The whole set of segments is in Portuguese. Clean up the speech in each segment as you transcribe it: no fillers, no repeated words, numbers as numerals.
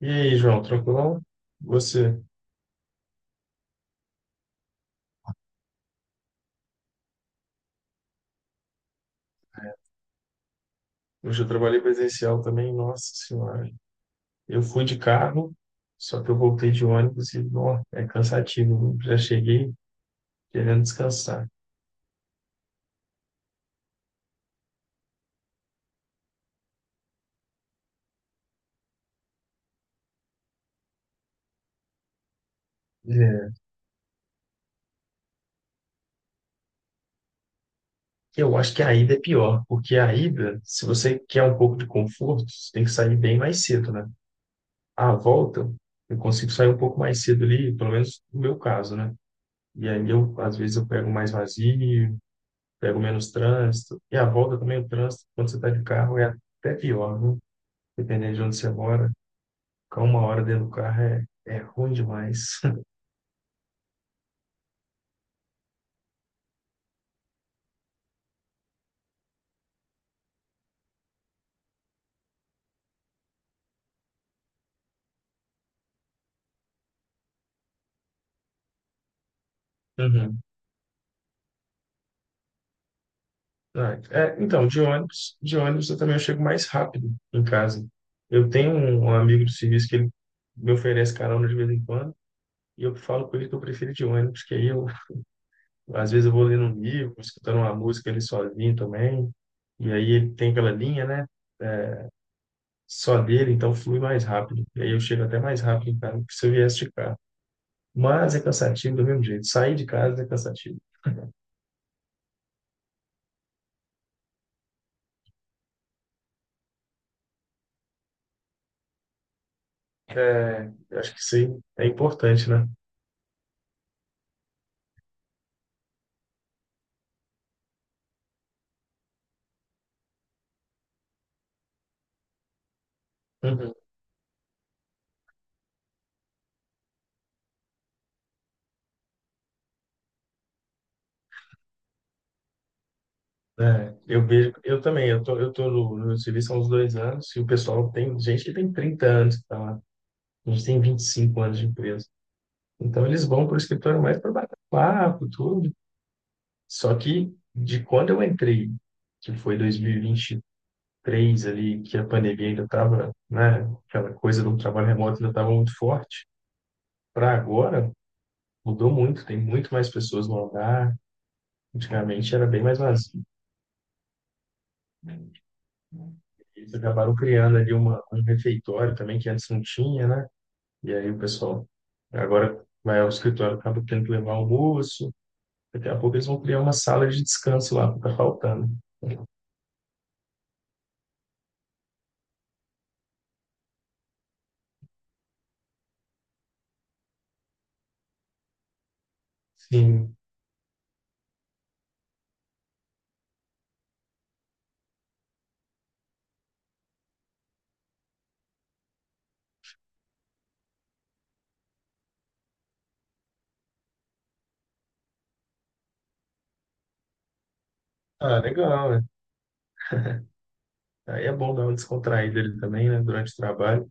E aí, João, tranquilão? Você? Hoje eu trabalhei presencial também, nossa senhora. Eu fui de carro, só que eu voltei de ônibus e, ó, é cansativo. Já cheguei querendo descansar. É, eu acho que a ida é pior, porque a ida, se você quer um pouco de conforto, você tem que sair bem mais cedo, né? A volta, eu consigo sair um pouco mais cedo ali, pelo menos no meu caso, né? E aí eu, às vezes, eu pego mais vazio, pego menos trânsito. E a volta também, o trânsito, quando você está de carro, é até pior, viu? Dependendo de onde você mora, ficar uma hora dentro do carro é ruim demais. Uhum. Ah, é, então, de ônibus eu também chego mais rápido em casa. Eu tenho um amigo do serviço que ele me oferece carona de vez em quando, e eu falo com ele que eu prefiro de ônibus, que aí eu, às vezes eu vou lendo um livro, escutando uma música ali sozinho também, e aí ele tem aquela linha, né? É, só dele, então flui mais rápido. E aí eu chego até mais rápido em casa do que se eu viesse de carro. Mas é cansativo do mesmo jeito. Sair de casa é cansativo. É, eu acho que isso aí é importante, né? Uhum. É, eu vejo, eu também, eu tô no serviço há uns 2 anos e o pessoal tem gente que tem 30 anos que tá lá. A gente tem 25 anos de empresa. Então eles vão para o escritório mais para bater papo, tudo. Só que de quando eu entrei, que foi 2021 três ali, que a pandemia ainda estava, né, aquela coisa do trabalho remoto ainda estava muito forte, para agora mudou muito, tem muito mais pessoas no hangar, antigamente era bem mais vazio. Né. Eles acabaram criando ali um refeitório também, que antes não tinha, né? E aí o pessoal agora vai ao escritório, acaba tendo que levar almoço, daqui a pouco eles vão criar uma sala de descanso lá, porque tá faltando. Sim. Ah, legal, né? Aí é bom dar uma descontraída ali também, né, durante o trabalho.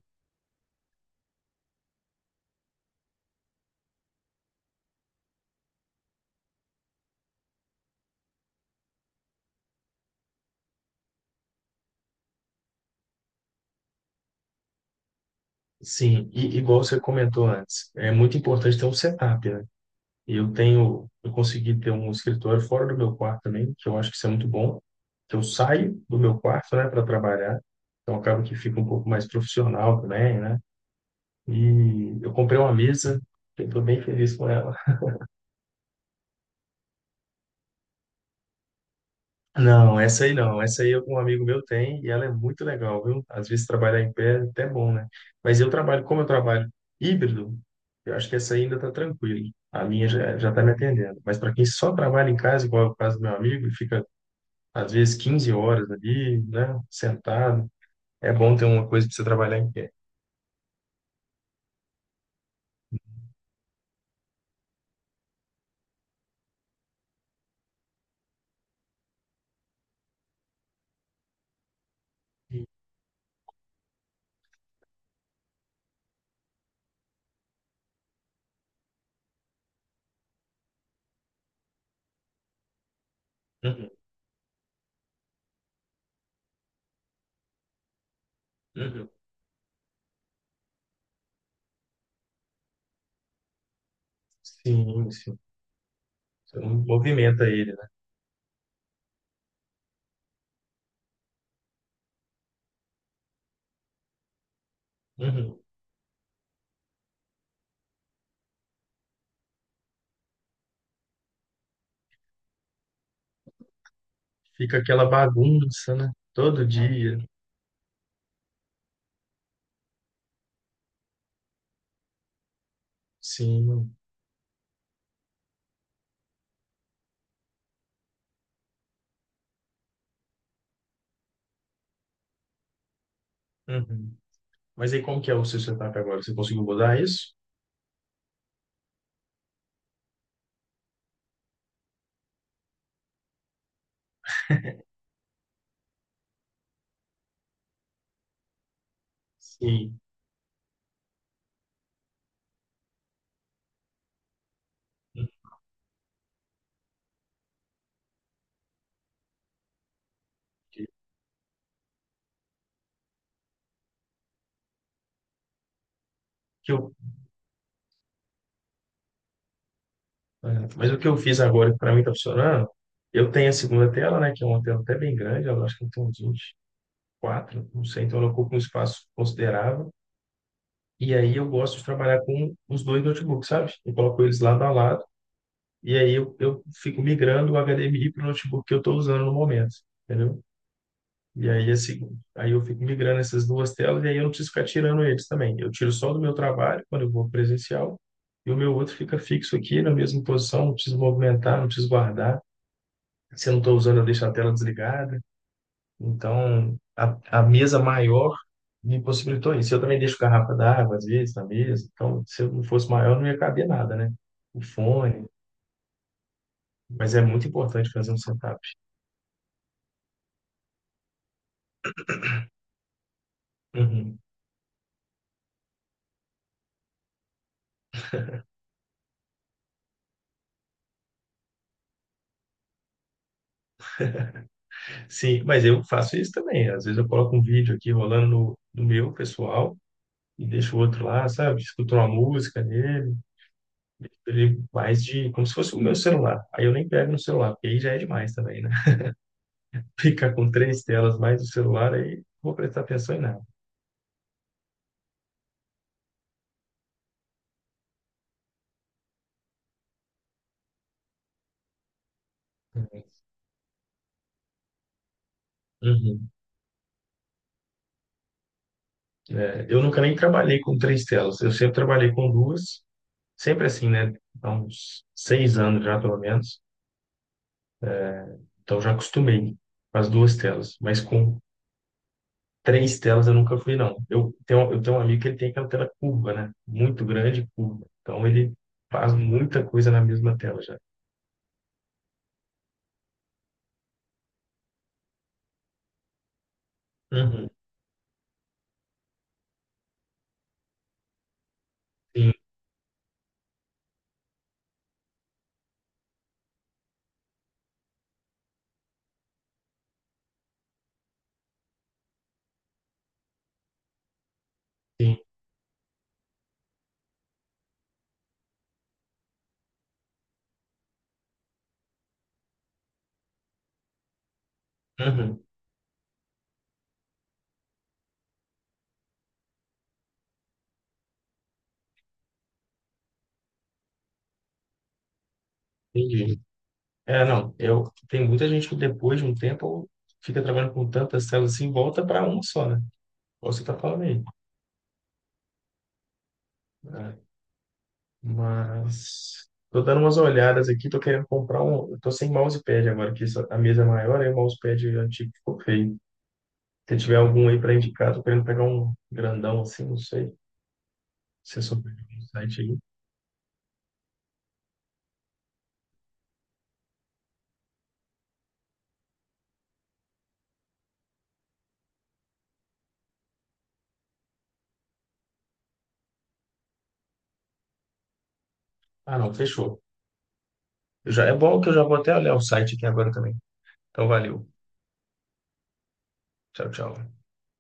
Sim, e igual você comentou antes, é muito importante ter um setup, né? Eu tenho, eu consegui ter um escritório fora do meu quarto também, que eu acho que isso é muito bom, que eu saio do meu quarto, né, para trabalhar, então acaba que fica um pouco mais profissional também, né? E eu comprei uma mesa, eu estou bem feliz com ela. Não, essa aí não. Essa aí um amigo meu tem e ela é muito legal, viu? Às vezes trabalhar em pé é até bom, né? Mas eu trabalho, como eu trabalho híbrido, eu acho que essa aí ainda tá tranquila. A minha já, já tá me atendendo. Mas para quem só trabalha em casa, igual é o caso do meu amigo, e fica às vezes 15 horas ali, né? Sentado, é bom ter uma coisa para você trabalhar em pé. Uhum, uhum. Sim, sim. Você não movimenta ele, né? Uhum. Fica aquela bagunça, né? Todo dia. Sim. Uhum. Mas aí como que é o seu setup agora? Você conseguiu mudar isso? Sim. Que que eu, é, mas o que eu fiz agora, que para mim tá funcionando, eu tenho a segunda tela, né, que é uma tela até bem grande, eu acho que tem uns 24, não sei, então ela ocupa um espaço considerável. E aí eu gosto de trabalhar com os dois notebooks, sabe? Eu coloco eles lado a lado, e aí eu fico migrando o HDMI para o notebook que eu estou usando no momento, entendeu? E aí, assim, aí eu fico migrando essas duas telas e aí eu não preciso ficar tirando eles também. Eu tiro só do meu trabalho, quando eu vou presencial, e o meu outro fica fixo aqui na mesma posição, não preciso movimentar, não preciso guardar. Se eu não estou usando, eu deixo a tela desligada. Então, a mesa maior me possibilitou isso. Eu também deixo garrafa d'água, às vezes, na mesa. Então, se eu não fosse maior, não ia caber nada, né? O fone. Mas é muito importante fazer um setup. Uhum. Sim, mas eu faço isso também. Às vezes eu coloco um vídeo aqui rolando no meu pessoal e deixo o outro lá, sabe? Escuto uma música nele, ele mais de como se fosse o meu celular. Aí eu nem pego no celular, porque aí já é demais também, né? Ficar com três telas mais no celular, aí não vou prestar atenção em nada. Uhum. É, eu nunca nem trabalhei com três telas. Eu sempre trabalhei com duas, sempre assim, né? Há uns 6 anos já, pelo menos. Então já acostumei com as duas telas, mas com três telas eu nunca fui, não. Eu tenho um amigo que ele tem aquela tela curva, né? Muito grande, curva. Então ele faz muita coisa na mesma tela já. Uhum. Sim, sim. Uhum. Entendi. É, não. Eu, tem muita gente que depois de um tempo fica trabalhando com tantas telas assim, volta para uma só, né? Igual você tá falando aí. É, mas tô dando umas olhadas aqui, tô querendo comprar um. Eu tô sem mousepad agora, que a mesa é maior, aí o mousepad antigo ficou feio. Se tiver algum aí para indicar, tô querendo pegar um grandão assim, não sei. Se souber de algum site aí. Ah, não, fechou. Eu já, é bom que eu já vou até olhar o site aqui agora também. Então, valeu. Tchau, tchau.